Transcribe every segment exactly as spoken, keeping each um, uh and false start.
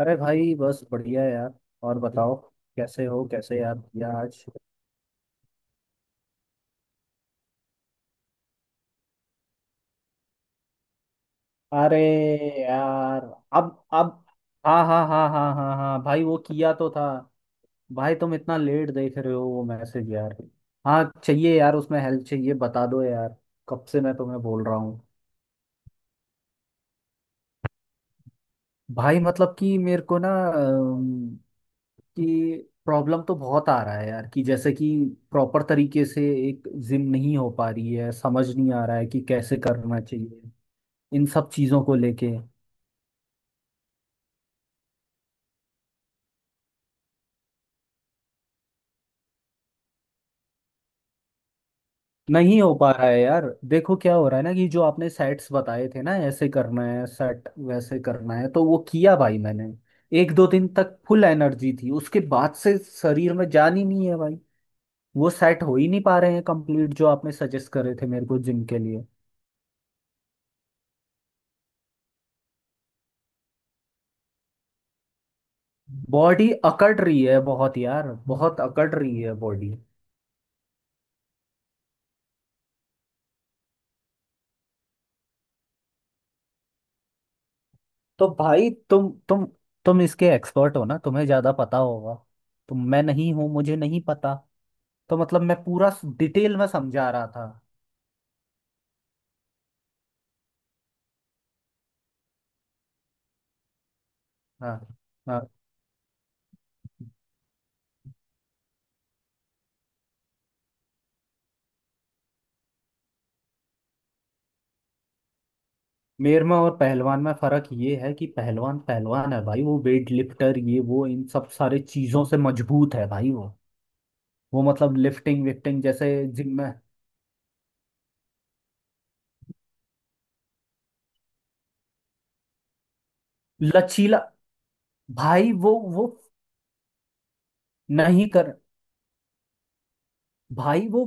अरे भाई बस बढ़िया यार। और बताओ, कैसे हो, कैसे याद किया आज? अरे यार, अब अब हाँ हाँ हाँ हाँ हाँ हाँ भाई, वो किया तो था। भाई तुम इतना लेट देख रहे हो वो मैसेज यार। हाँ चाहिए यार, उसमें हेल्प चाहिए, बता दो यार। कब से मैं तुम्हें बोल रहा हूँ। भाई मतलब कि मेरे को ना अम, कि प्रॉब्लम तो बहुत आ रहा है यार, कि जैसे कि प्रॉपर तरीके से एक जिम नहीं हो पा रही है, समझ नहीं आ रहा है कि कैसे करना चाहिए इन सब चीजों को लेके। नहीं हो पा रहा है यार। देखो क्या हो रहा है ना, कि जो आपने सेट्स बताए थे ना, ऐसे करना है सेट, वैसे करना है, तो वो किया भाई मैंने। एक दो दिन तक फुल एनर्जी थी, उसके बाद से शरीर में जान ही नहीं है भाई। वो सेट हो ही नहीं पा रहे हैं कंप्लीट जो आपने सजेस्ट करे थे मेरे को जिम के लिए। बॉडी अकड़ रही है बहुत यार, बहुत अकड़ रही है बॉडी। तो भाई तुम तुम तुम इसके एक्सपर्ट हो ना, तुम्हें ज्यादा पता होगा। तो मैं नहीं हूँ, मुझे नहीं पता। तो मतलब मैं पूरा डिटेल में समझा रहा था। हाँ। हाँ, मेर में और पहलवान में फर्क ये है कि पहलवान पहलवान है भाई, वो वेट लिफ्टर, ये वो इन सब सारे चीजों से मजबूत है भाई वो। वो मतलब लिफ्टिंग विफ्टिंग जैसे जिम में। लचीला। भाई वो वो नहीं कर। भाई वो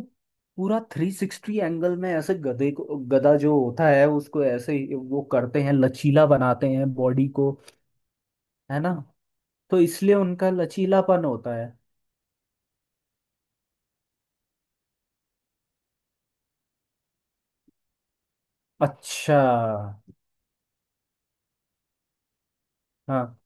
पूरा थ्री सिक्सटी एंगल में ऐसे, गधे को गधा जो होता है उसको ऐसे ही वो करते हैं, लचीला बनाते हैं बॉडी को। है ना। तो इसलिए उनका लचीलापन होता है। अच्छा। हाँ।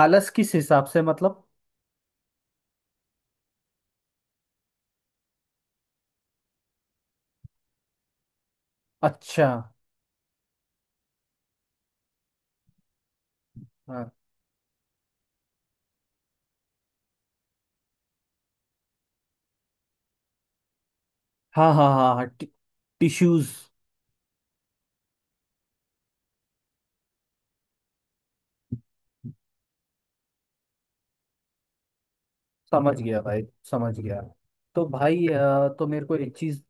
आलस किस हिसाब से, मतलब? अच्छा। हाँ हाँ हाँ हाँ हाँ टि, टिश्यूज। समझ गया भाई, समझ गया। तो भाई अ, तो मेरे को एक चीज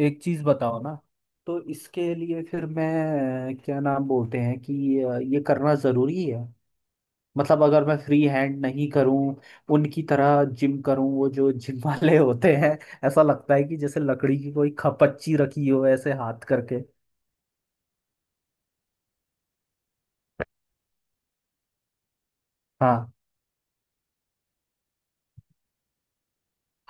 एक चीज बताओ ना। तो इसके लिए फिर मैं, क्या नाम बोलते हैं कि अ, ये करना जरूरी है? मतलब अगर मैं फ्री हैंड नहीं करूं, उनकी तरह जिम करूं, वो जो जिम वाले होते हैं, ऐसा लगता है कि जैसे लकड़ी की कोई खपच्ची रखी हो, ऐसे हाथ करके। हाँ।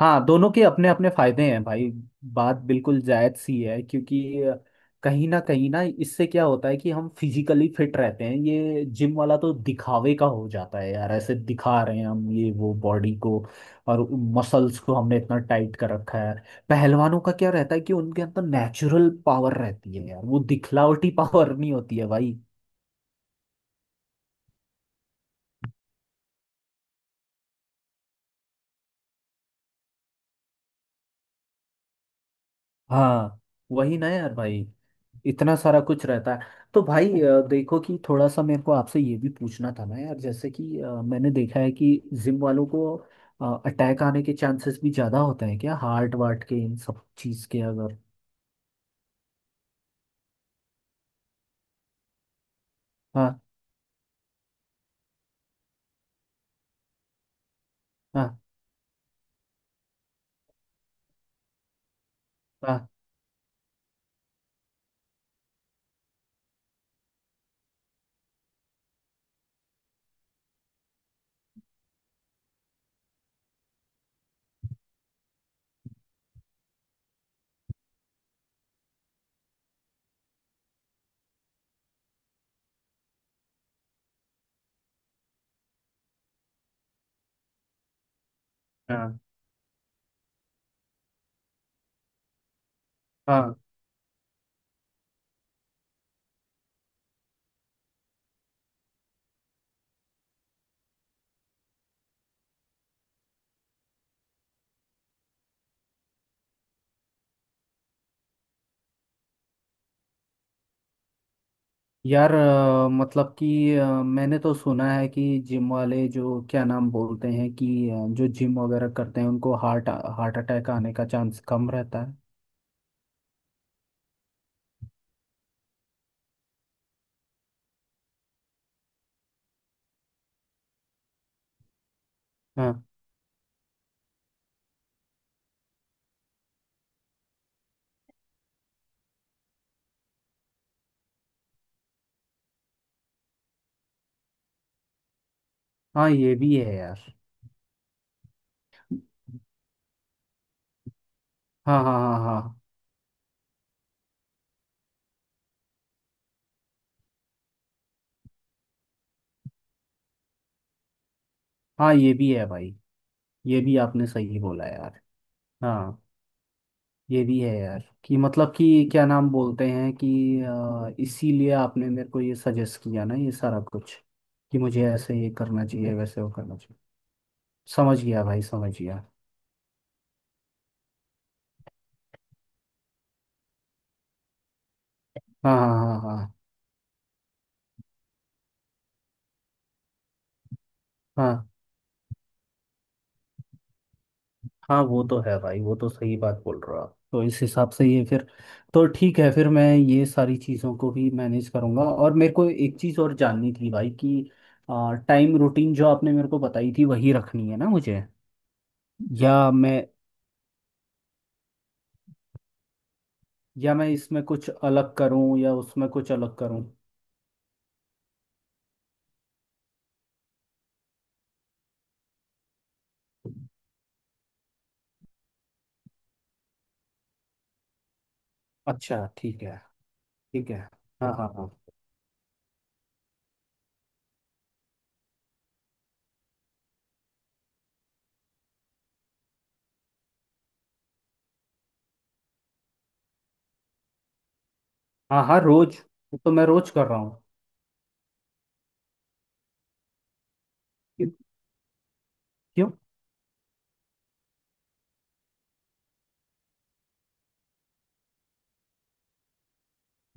हाँ दोनों के अपने अपने फायदे हैं भाई। बात बिल्कुल जायज सी है, क्योंकि कहीं ना कहीं ना, इससे क्या होता है कि हम फिजिकली फिट रहते हैं। ये जिम वाला तो दिखावे का हो जाता है यार, ऐसे दिखा रहे हैं हम ये वो, बॉडी को और मसल्स को हमने इतना टाइट कर रखा है। पहलवानों का क्या रहता है कि उनके अंदर नेचुरल पावर रहती है यार, वो दिखलावटी पावर नहीं होती है भाई। हाँ वही ना यार भाई, इतना सारा कुछ रहता है। तो भाई अ, देखो कि थोड़ा सा मेरे को आपसे ये भी पूछना था ना यार, जैसे कि अ, मैंने देखा है कि जिम वालों को अटैक आने के चांसेस भी ज़्यादा होते हैं क्या, हार्ट वार्ट के इन सब चीज़ के अगर? हाँ हाँ हाँ हाँ हाँ। यार अ, मतलब कि अ, मैंने तो सुना है कि जिम वाले जो, क्या नाम बोलते हैं कि अ, जो जिम वगैरह करते हैं उनको हार्ट हार्ट अटैक आने का चांस कम रहता है। हाँ हाँ, ये भी है यार। हाँ हाँ हाँ हाँ हाँ, ये भी है भाई, ये भी आपने सही बोला यार। हाँ ये भी है यार कि मतलब कि, क्या नाम बोलते हैं कि अ, इसीलिए आपने मेरे को ये सजेस्ट किया ना ये सारा कुछ, कि मुझे ऐसे ये करना चाहिए वैसे वो करना चाहिए। समझ गया भाई, समझ गया। हाँ हाँ हाँ हाँ हाँ। हाँ वो तो है भाई, वो तो सही बात बोल रहे हो आप। तो इस हिसाब से ये फिर, तो ठीक है फिर, मैं ये सारी चीज़ों को भी मैनेज करूँगा। और मेरे को एक चीज़ और जाननी थी भाई कि टाइम रूटीन जो आपने मेरे को बताई थी, वही रखनी है ना मुझे, या मैं, या मैं इसमें कुछ अलग करूँ या उसमें कुछ अलग करूँ? अच्छा ठीक है। ठीक है। हाँ हाँ हाँ हाँ हाँ। रोज, वो तो मैं रोज कर रहा हूँ। क्यों? क्यों?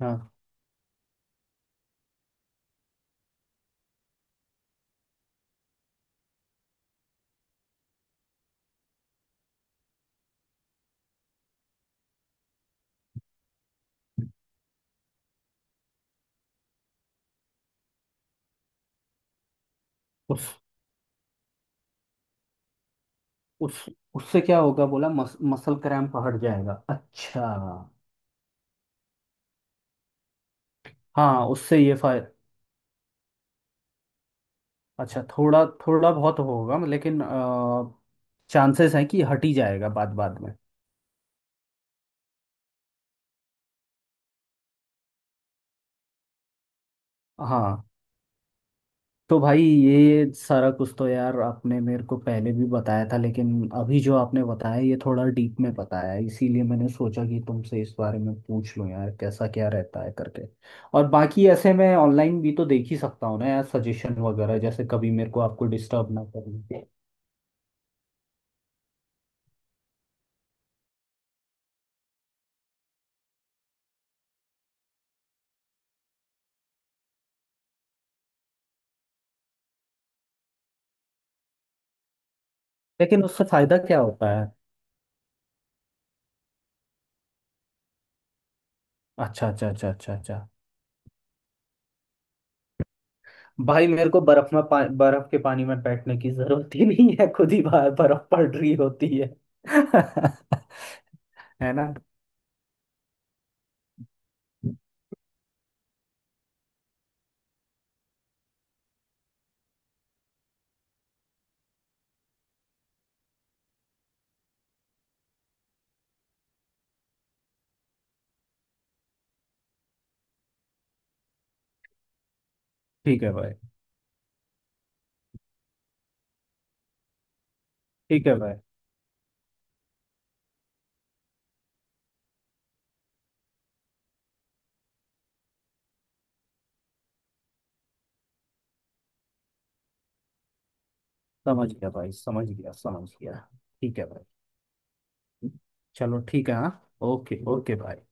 हाँ। उस उस उससे क्या होगा बोला, मस, मसल क्रैम्प हट जाएगा, अच्छा। हाँ उससे ये फाय अच्छा, थोड़ा थोड़ा बहुत होगा, लेकिन चांसेस हैं कि हट ही जाएगा बाद बाद में। हाँ। तो भाई ये सारा कुछ तो यार आपने मेरे को पहले भी बताया था, लेकिन अभी जो आपने बताया ये थोड़ा डीप में बताया है, इसीलिए मैंने सोचा कि तुमसे इस बारे में पूछ लूँ यार, कैसा क्या रहता है करके। और बाकी ऐसे मैं ऑनलाइन भी तो देख ही सकता हूँ ना यार सजेशन वगैरह, जैसे कभी मेरे को आपको डिस्टर्ब ना करें। लेकिन उससे फायदा क्या होता है? अच्छा अच्छा अच्छा अच्छा अच्छा। भाई मेरे को बर्फ में पा, बर्फ के पानी में बैठने की जरूरत ही नहीं है, खुद ही बाहर बर्फ पड़ रही होती है। है ना। ठीक है भाई। ठीक है भाई। समझ गया भाई, समझ गया, समझ गया। ठीक है भाई। चलो ठीक है। हाँ ओके ओके भाई।